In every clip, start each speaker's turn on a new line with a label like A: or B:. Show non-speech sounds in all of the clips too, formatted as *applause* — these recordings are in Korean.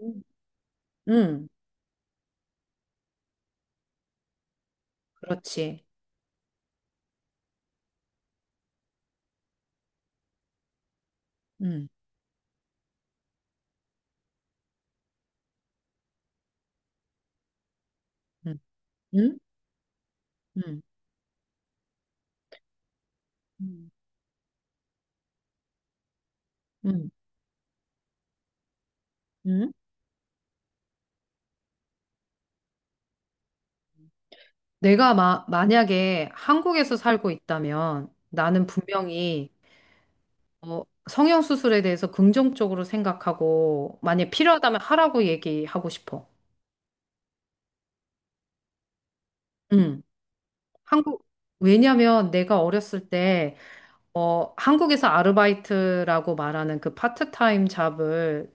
A: 음. 응, 그렇지. 응, 응, 응, 응, 응, 응. 응. 내가 만약에 한국에서 살고 있다면 나는 분명히 어, 성형수술에 대해서 긍정적으로 생각하고 만약 필요하다면 하라고 얘기하고 싶어. 응. 한국, 왜냐면 내가 어렸을 때 한국에서 아르바이트라고 말하는 그 파트타임 잡을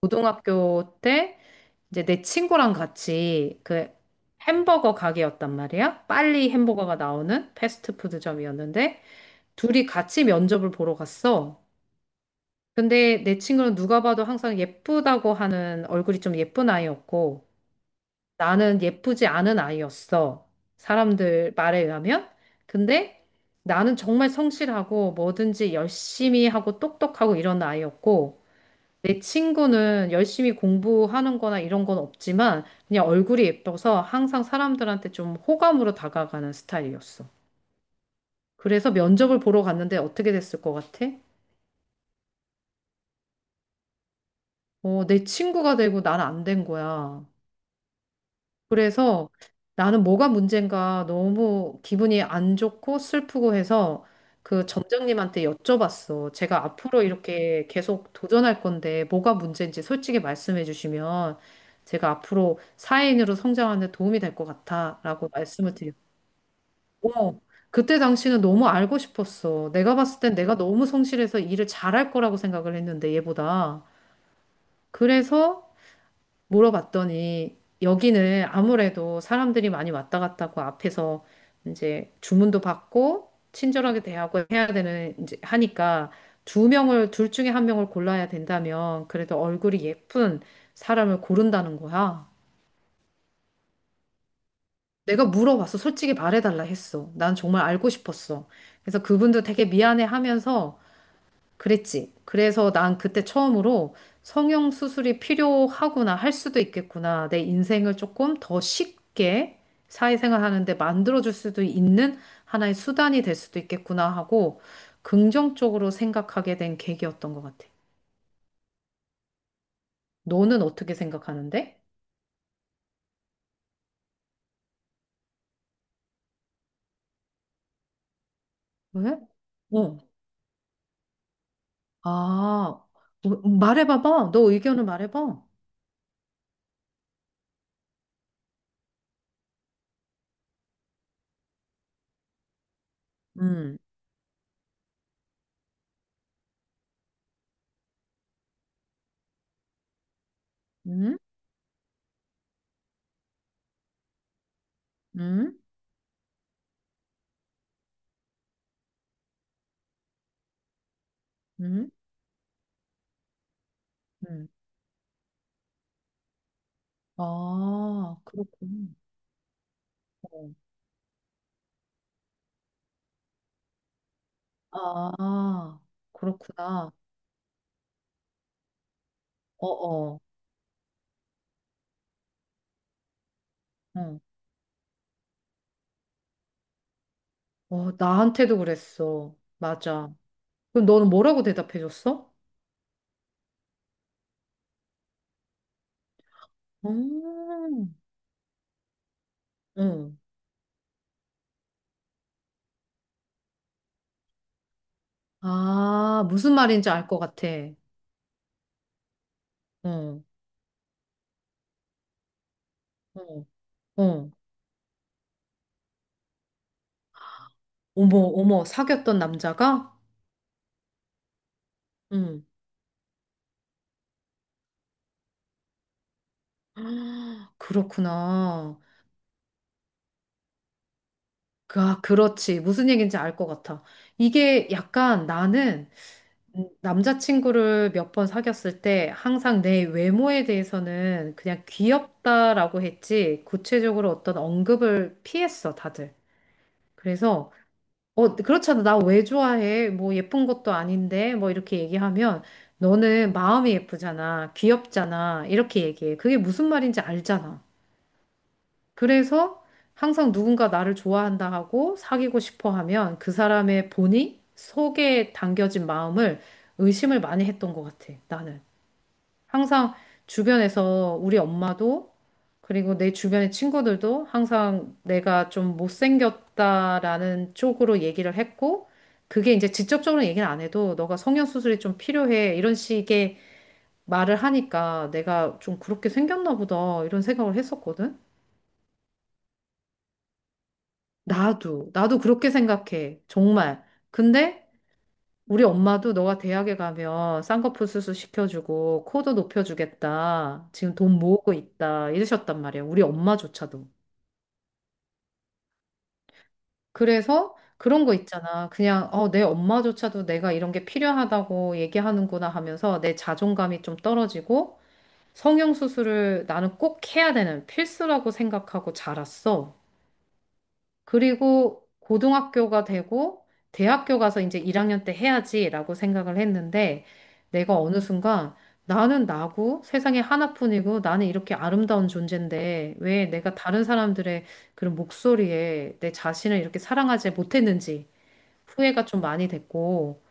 A: 고등학교 때 이제 내 친구랑 같이 그 햄버거 가게였단 말이야. 빨리 햄버거가 나오는 패스트푸드점이었는데 둘이 같이 면접을 보러 갔어. 근데 내 친구는 누가 봐도 항상 예쁘다고 하는 얼굴이 좀 예쁜 아이였고 나는 예쁘지 않은 아이였어. 사람들 말에 의하면. 근데 나는 정말 성실하고 뭐든지 열심히 하고 똑똑하고 이런 아이였고 내 친구는 열심히 공부하는 거나 이런 건 없지만 그냥 얼굴이 예뻐서 항상 사람들한테 좀 호감으로 다가가는 스타일이었어. 그래서 면접을 보러 갔는데 어떻게 됐을 것 같아? 내 친구가 되고 난 안 된 거야. 그래서 나는 뭐가 문제인가 너무 기분이 안 좋고 슬프고 해서 그 점장님한테 여쭤봤어. 제가 앞으로 이렇게 계속 도전할 건데 뭐가 문제인지 솔직히 말씀해 주시면 제가 앞으로 사회인으로 성장하는 데 도움이 될 것 같아라고 말씀을 드렸고 그때 당시는 너무 알고 싶었어. 내가 봤을 땐 내가 너무 성실해서 일을 잘할 거라고 생각을 했는데 얘보다. 그래서 물어봤더니 여기는 아무래도 사람들이 많이 왔다 갔다 하고 앞에서 이제 주문도 받고 친절하게 대하고 해야 되는 이제 하니까 두 명을 둘 중에 한 명을 골라야 된다면 그래도 얼굴이 예쁜 사람을 고른다는 거야. 내가 물어봤어. 솔직히 말해달라 했어. 난 정말 알고 싶었어. 그래서 그분도 되게 미안해 하면서 그랬지. 그래서 난 그때 처음으로 성형 수술이 필요하구나, 할 수도 있겠구나. 내 인생을 조금 더 쉽게 사회생활 하는데 만들어줄 수도 있는 하나의 수단이 될 수도 있겠구나 하고 긍정적으로 생각하게 된 계기였던 것 같아. 너는 어떻게 생각하는데? 왜? 어. 아, 어, 말해봐봐. 너 의견을 말해봐. 음, 음, 음, 음, 음. 아, 그렇군. 아, 아, 그렇구나. 어어. 응. 어, 나한테도 그랬어. 맞아. 그럼 너는 뭐라고 대답해줬어? 음. 응. 아, 무슨 말인지 알 것 같아. 응. 응. 응. 어머, 어머, 사귀었던 남자가? 응. *gasps* 아, 그렇구나. 아, 그렇지. 무슨 얘기인지 알 것 같아. 이게 약간 나는 남자친구를 몇 번 사귀었을 때 항상 내 외모에 대해서는 그냥 귀엽다라고 했지 구체적으로 어떤 언급을 피했어, 다들. 그래서 어, 그렇잖아. 나 왜 좋아해? 뭐 예쁜 것도 아닌데 뭐 이렇게 얘기하면 너는 마음이 예쁘잖아. 귀엽잖아. 이렇게 얘기해. 그게 무슨 말인지 알잖아. 그래서 항상 누군가 나를 좋아한다 하고 사귀고 싶어 하면 그 사람의 본이 속에 담겨진 마음을 의심을 많이 했던 것 같아, 나는. 항상 주변에서 우리 엄마도 그리고 내 주변의 친구들도 항상 내가 좀 못생겼다라는 쪽으로 얘기를 했고 그게 이제 직접적으로 얘기는 안 해도 너가 성형수술이 좀 필요해 이런 식의 말을 하니까 내가 좀 그렇게 생겼나 보다 이런 생각을 했었거든. 나도, 나도 그렇게 생각해. 정말. 근데 우리 엄마도 너가 대학에 가면 쌍꺼풀 수술 시켜주고 코도 높여주겠다. 지금 돈 모으고 있다. 이러셨단 말이야. 우리 엄마조차도. 그래서 그런 거 있잖아. 그냥 내 엄마조차도 내가 이런 게 필요하다고 얘기하는구나 하면서 내 자존감이 좀 떨어지고 성형 수술을 나는 꼭 해야 되는 필수라고 생각하고 자랐어. 그리고 고등학교가 되고 대학교 가서 이제 1학년 때 해야지라고 생각을 했는데 내가 어느 순간 나는 나고 세상에 하나뿐이고 나는 이렇게 아름다운 존재인데 왜 내가 다른 사람들의 그런 목소리에 내 자신을 이렇게 사랑하지 못했는지 후회가 좀 많이 됐고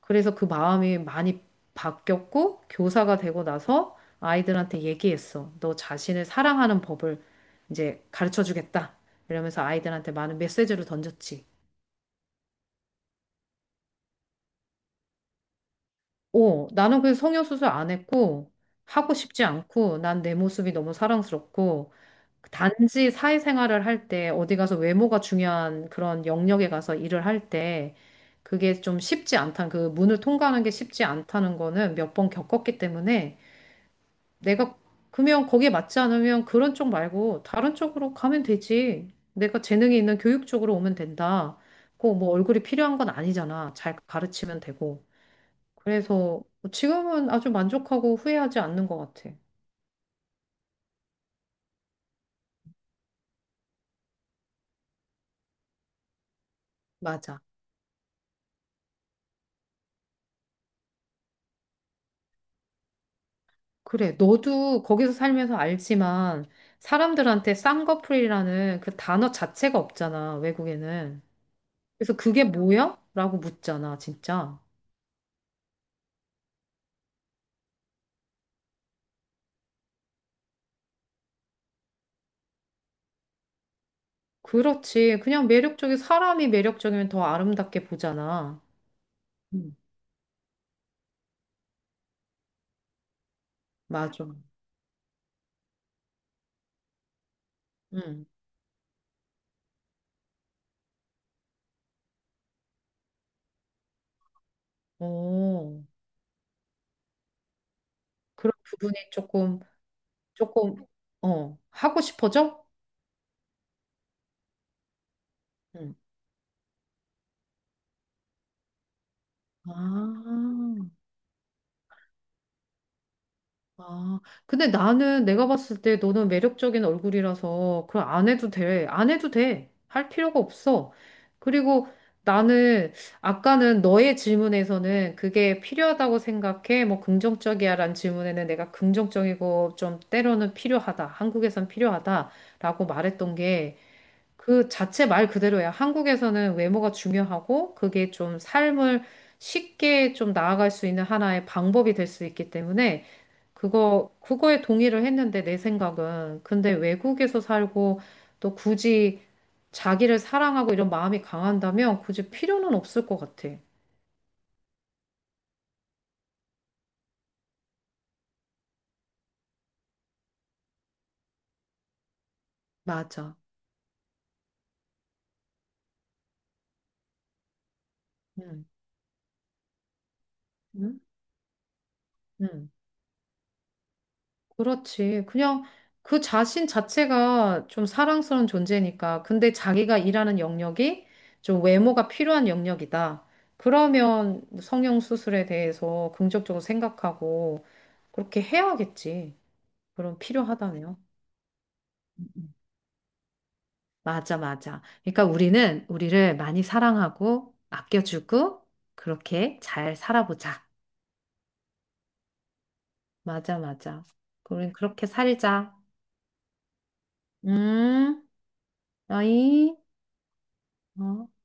A: 그래서 그 마음이 많이 바뀌었고, 교사가 되고 나서 아이들한테 얘기했어. 너 자신을 사랑하는 법을 이제 가르쳐 주겠다. 이러면서 아이들한테 많은 메시지를 던졌지. 오, 나는 그 성형수술 안 했고, 하고 싶지 않고, 난 내 모습이 너무 사랑스럽고, 단지 사회생활을 할 때, 어디 가서 외모가 중요한 그런 영역에 가서 일을 할 때, 그게 좀 쉽지 않다는, 그 문을 통과하는 게 쉽지 않다는 거는 몇 번 겪었기 때문에, 내가 그러면 거기에 맞지 않으면 그런 쪽 말고 다른 쪽으로 가면 되지. 내가 재능이 있는 교육 쪽으로 오면 된다. 꼭 뭐 얼굴이 필요한 건 아니잖아. 잘 가르치면 되고. 그래서 지금은 아주 만족하고 후회하지 않는 것 같아. 맞아. 그래, 너도 거기서 살면서 알지만 사람들한테 쌍꺼풀이라는 그 단어 자체가 없잖아, 외국에는. 그래서 그게 뭐야? 라고 묻잖아, 진짜. 그렇지. 그냥 매력적인 사람이 매력적이면 더 아름답게 보잖아. 음. 맞아. 응. 오. 그런 부분이 조금 조금 하고 싶어져? 응. 아. 아, 근데 나는 내가 봤을 때 너는 매력적인 얼굴이라서 그걸 안 해도 돼. 안 해도 돼. 할 필요가 없어. 그리고 나는 아까는 너의 질문에서는 그게 필요하다고 생각해. 뭐 긍정적이야라는 질문에는 내가 긍정적이고 좀 때로는 필요하다. 한국에선 필요하다라고 말했던 게 그 자체 말 그대로야. 한국에서는 외모가 중요하고 그게 좀 삶을 쉽게 좀 나아갈 수 있는 하나의 방법이 될 수 있기 때문에 그거에 동의를 했는데, 내 생각은. 근데 외국에서 살고, 또 굳이 자기를 사랑하고 이런 마음이 강한다면, 굳이 필요는 없을 것 같아. 맞아. 음, 음, 음. 그렇지. 그냥 그 자신 자체가 좀 사랑스러운 존재니까. 근데 자기가 일하는 영역이 좀 외모가 필요한 영역이다. 그러면 성형 수술에 대해서 긍정적으로 생각하고 그렇게 해야겠지. 그럼 필요하다네요. 맞아, 맞아. 그러니까 우리는 우리를 많이 사랑하고 아껴주고 그렇게 잘 살아보자. 맞아, 맞아. 우린 그렇게 살자. 음, 어이, 어.